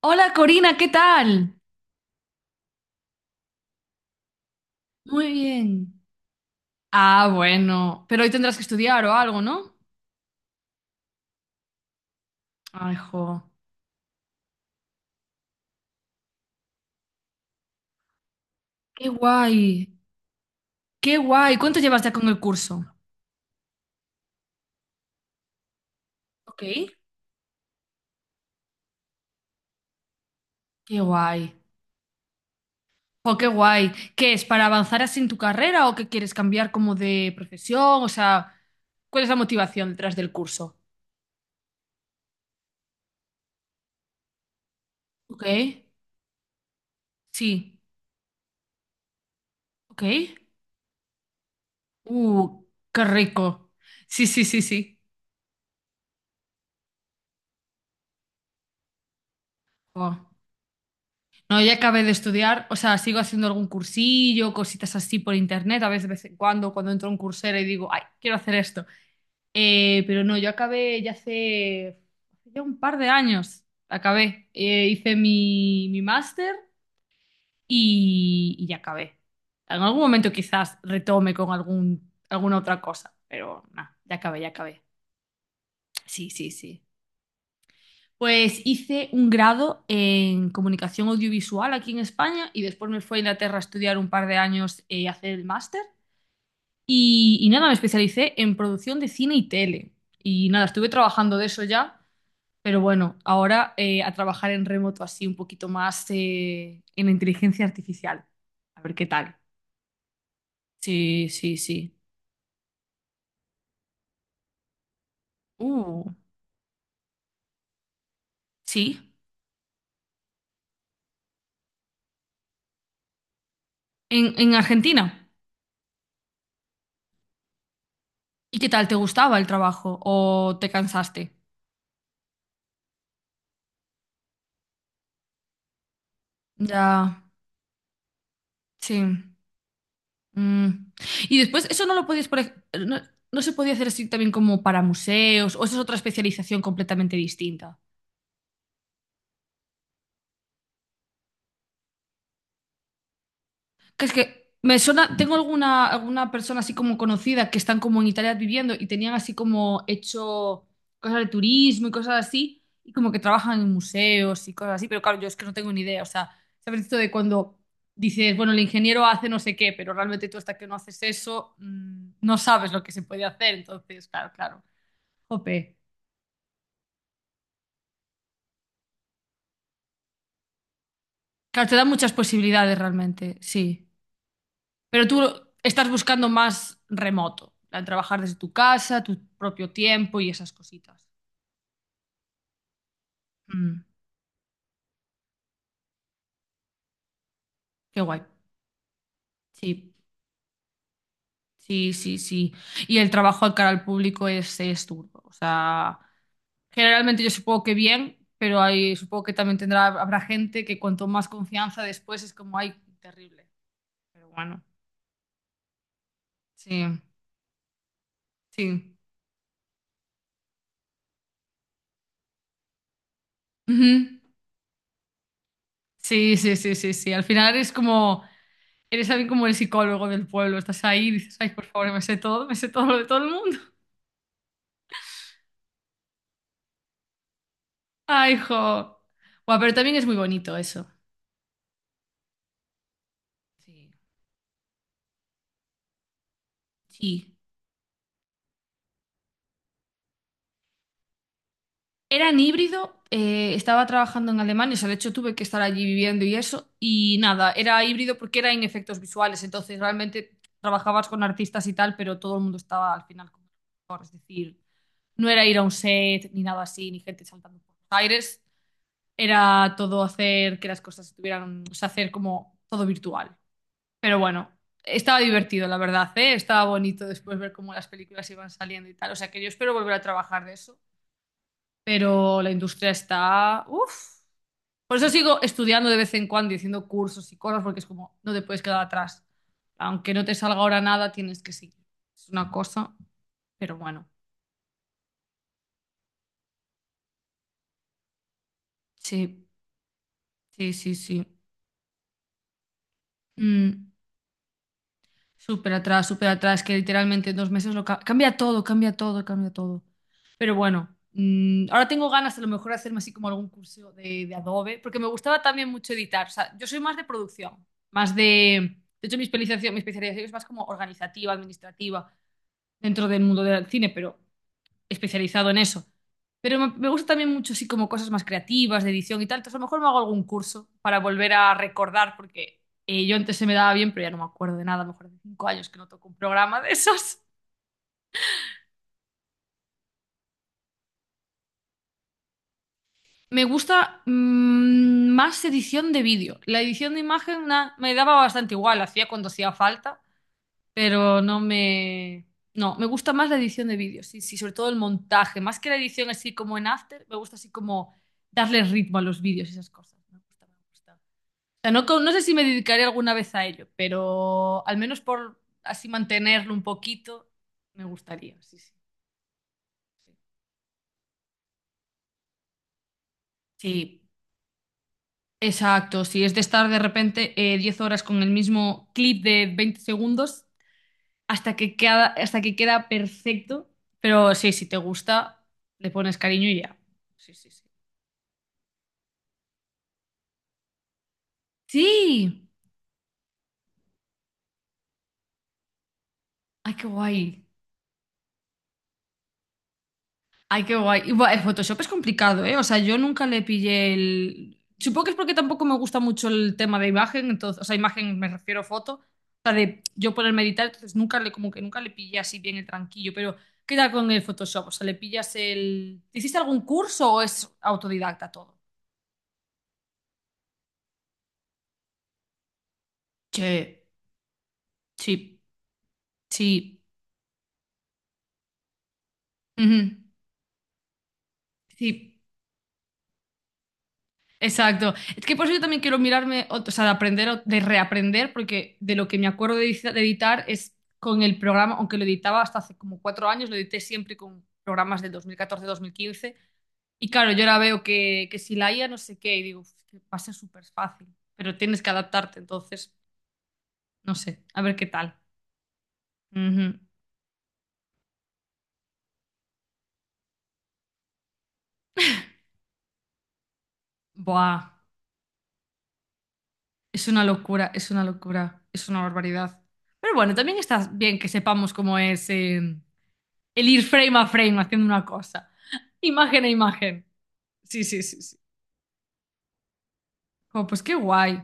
Hola Corina, ¿qué tal? Muy bien. Ah, bueno, pero hoy tendrás que estudiar o algo, ¿no? Ay, jo. Qué guay, qué guay. ¿Cuánto llevas ya con el curso? Ok. Qué guay. Jo, qué guay. ¿Qué es, para avanzar así en tu carrera o que quieres cambiar como de profesión? O sea, ¿cuál es la motivación detrás del curso? Ok, sí, ok. Uh, qué rico. Sí, sí, sí, sí. Jo. No, ya acabé de estudiar, o sea, sigo haciendo algún cursillo, cositas así por internet, a veces de vez en cuando, cuando entro a un cursero y digo, ay, quiero hacer esto. Pero no, yo acabé ya hace ya un par de años, acabé. Hice mi máster y ya acabé. En algún momento quizás retome con algún, alguna otra cosa, pero nada, ya acabé, ya acabé. Sí, sí, sí. Pues hice un grado en comunicación audiovisual aquí en España y después me fui a Inglaterra a estudiar un par de años y hacer el máster. Y nada, me especialicé en producción de cine y tele. Y nada, estuve trabajando de eso ya, pero bueno, ahora a trabajar en remoto así un poquito más en inteligencia artificial. A ver qué tal. Sí, sí, sí. Uh, sí. En Argentina. ¿Y qué tal? ¿Te gustaba el trabajo o te cansaste? Ya, sí. Mm. Y después, eso no lo podías, no, no se podía hacer así también como para museos, o esa es otra especialización completamente distinta. Que es que me suena, tengo alguna persona así como conocida que están como en Italia viviendo y tenían así como hecho cosas de turismo y cosas así, y como que trabajan en museos y cosas así, pero claro, yo es que no tengo ni idea, o sea, sabes esto de cuando dices, bueno, el ingeniero hace no sé qué, pero realmente tú hasta que no haces eso, no sabes lo que se puede hacer, entonces, claro, claro. Jope. Claro, te da muchas posibilidades realmente, sí. Pero tú estás buscando más remoto, al trabajar desde tu casa, tu propio tiempo y esas cositas. Mm, qué guay. Sí, sí, sí, sí. Y el trabajo al cara al público es duro. O sea, generalmente yo supongo que bien, pero hay, supongo que también tendrá, habrá gente que cuanto más confianza después es como, ay, terrible. Pero bueno, sí, sí. Ujú. Sí, sí, sí, sí, sí. Al final es como. Eres también como el psicólogo del pueblo. Estás ahí y dices, ay, por favor, me sé todo lo de todo el mundo. Ay, jo. Buah, pero también es muy bonito eso. Sí. Sí. Era en híbrido, estaba trabajando en Alemania, o sea, de hecho tuve que estar allí viviendo y eso. Y nada, era híbrido porque era en efectos visuales. Entonces, realmente trabajabas con artistas y tal, pero todo el mundo estaba al final como mejor. Es decir, no era ir a un set, ni nada así, ni gente saltando por los aires. Era todo hacer que las cosas estuvieran o sea, hacer como todo virtual. Pero bueno, estaba divertido, la verdad, ¿eh? Estaba bonito después ver cómo las películas iban saliendo y tal. O sea, que yo espero volver a trabajar de eso. Pero la industria está. Uf. Por eso sigo estudiando de vez en cuando y haciendo cursos y cosas, porque es como, no te puedes quedar atrás. Aunque no te salga ahora nada, tienes que seguir. Es una cosa, pero bueno. Sí, sí, sí, sí. Mm. Súper atrás, que literalmente en 2 meses cambia todo, cambia todo, cambia todo. Pero bueno, ahora tengo ganas a lo mejor de hacerme así como algún curso de Adobe, porque me gustaba también mucho editar. O sea, yo soy más de producción, De hecho, mi especialización es más como organizativa, administrativa, dentro del mundo del cine, pero especializado en eso. Pero me gusta también mucho, sí, como cosas más creativas, de edición y tal. Entonces, a lo mejor me hago algún curso para volver a recordar, porque yo antes se me daba bien, pero ya no me acuerdo de nada. A lo mejor de 5 años que no toco un programa de esos. Me gusta más edición de vídeo. La edición de imagen me daba bastante igual, la hacía cuando hacía falta, pero no me. No, me gusta más la edición de vídeo, sí, sí, sobre todo el montaje. Más que la edición así como en After, me gusta así como darle ritmo a los vídeos y esas cosas. ¿No? Me gusta, me gusta. Sea, no, no sé si me dedicaré alguna vez a ello, pero al menos por así mantenerlo un poquito, me gustaría, sí, sí. Sí, sí, exacto. Si es de estar de repente 10 horas con el mismo clip de 20 segundos hasta que queda perfecto. Pero sí, si te gusta, le pones cariño y ya. Sí, sí, sí. Sí. Ay, qué guay. Ay, qué guay. Y, buah, el Photoshop es complicado, ¿eh? O sea, yo nunca le pillé el. Supongo que es porque tampoco me gusta mucho el tema de imagen, entonces, o sea, imagen me refiero a foto, o sea, de yo ponerme a editar, entonces nunca le, como que nunca le pillé así bien el tranquillo, pero ¿qué tal con el Photoshop? O sea, ¿le pillas el? ¿Hiciste algún curso o es autodidacta todo? Sí, sí, sí. Ujú, sí. Exacto. Es que por eso yo también quiero mirarme, o sea, de aprender, de reaprender, porque de lo que me acuerdo de, de editar es con el programa, aunque lo editaba hasta hace como 4 años, lo edité siempre con programas del 2014-2015. Y claro, yo ahora veo que si la IA no sé qué, y digo, "Uf, que va a ser súper fácil, pero tienes que adaptarte, entonces, no sé, a ver qué tal. Ujú. Buah, es una locura, es una locura, es una barbaridad. Pero bueno, también está bien que sepamos cómo es. El ir frame a frame haciendo una cosa. Imagen a imagen. Sí, sí, sí, sí. Como, pues qué guay.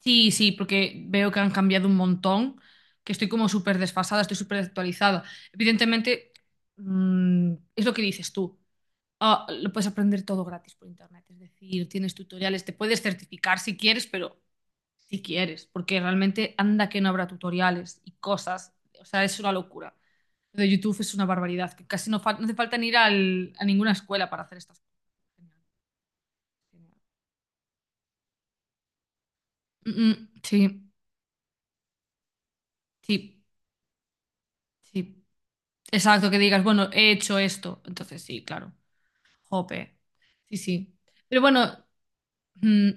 Sí, sí, porque veo que han cambiado un montón, que estoy como súper desfasada, estoy súper actualizada. Evidentemente, es lo que dices tú. Ah, lo puedes aprender todo gratis por internet, es decir, tienes tutoriales, te puedes certificar si quieres, pero si quieres, porque realmente anda que no habrá tutoriales y cosas, o sea, es una locura. Lo de YouTube es una barbaridad, que casi no, no hace falta ni ir a ninguna escuela para hacer estas cosas. Mm, mm, sí, sí, sí. Exacto, que digas, bueno, he hecho esto. Entonces, sí, claro. Jope. Sí, sí. Pero bueno, mm,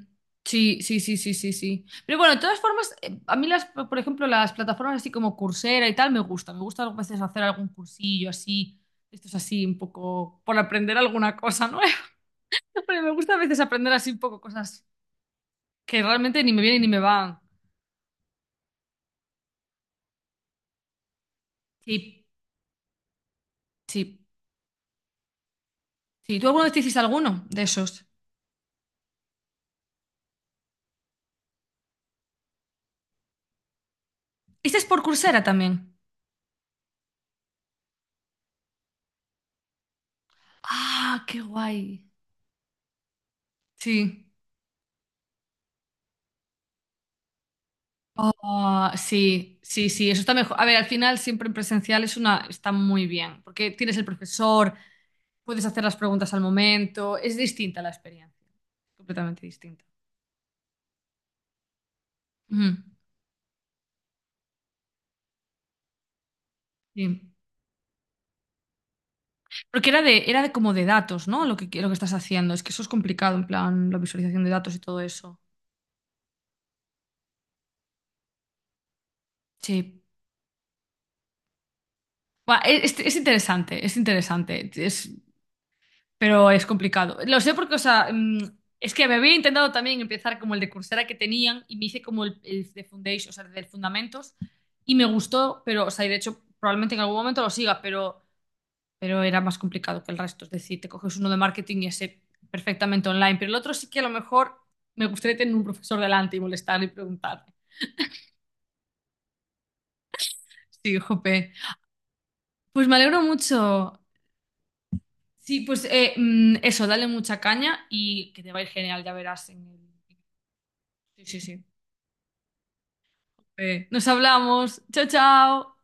sí, sí, sí, sí, sí, sí. Pero bueno, de todas formas, a mí las, por ejemplo, las plataformas así como Coursera y tal me gusta. Me gusta a veces hacer algún cursillo así. Esto es así, un poco por aprender alguna cosa nueva. Pero me gusta a veces aprender así un poco cosas que realmente ni me vienen ni me van. Sí, sí, sí. ¿Tú alguna vez te hiciste alguno de esos? ¿Este es por Coursera también? Ah, qué guay. Sí. Ah, sí, sí, sí, eso está mejor. A ver, al final siempre en presencial está muy bien, porque tienes el profesor, puedes hacer las preguntas al momento, es distinta la experiencia, completamente distinta. Ujú, sí. Porque era de como de datos, ¿no? Lo que estás haciendo, es que eso es complicado, en plan, la visualización de datos y todo eso. Sí. Buah, es interesante, es interesante, pero es complicado. Lo sé porque, o sea, es que me había intentado también empezar como el de Coursera que tenían y me hice como el de Foundation, o sea, del Fundamentos, y me gustó, pero, o sea, y de hecho probablemente en algún momento lo siga, pero, era más complicado que el resto. Es decir, te coges uno de marketing y ese perfectamente online, pero el otro sí que a lo mejor me gustaría tener un profesor delante y molestar y preguntarle. Sí, jope. Pues me alegro mucho. Sí, pues eso, dale mucha caña y que te va a ir genial, ya verás. Sí, sí, sí. Nos hablamos. Chao, chao.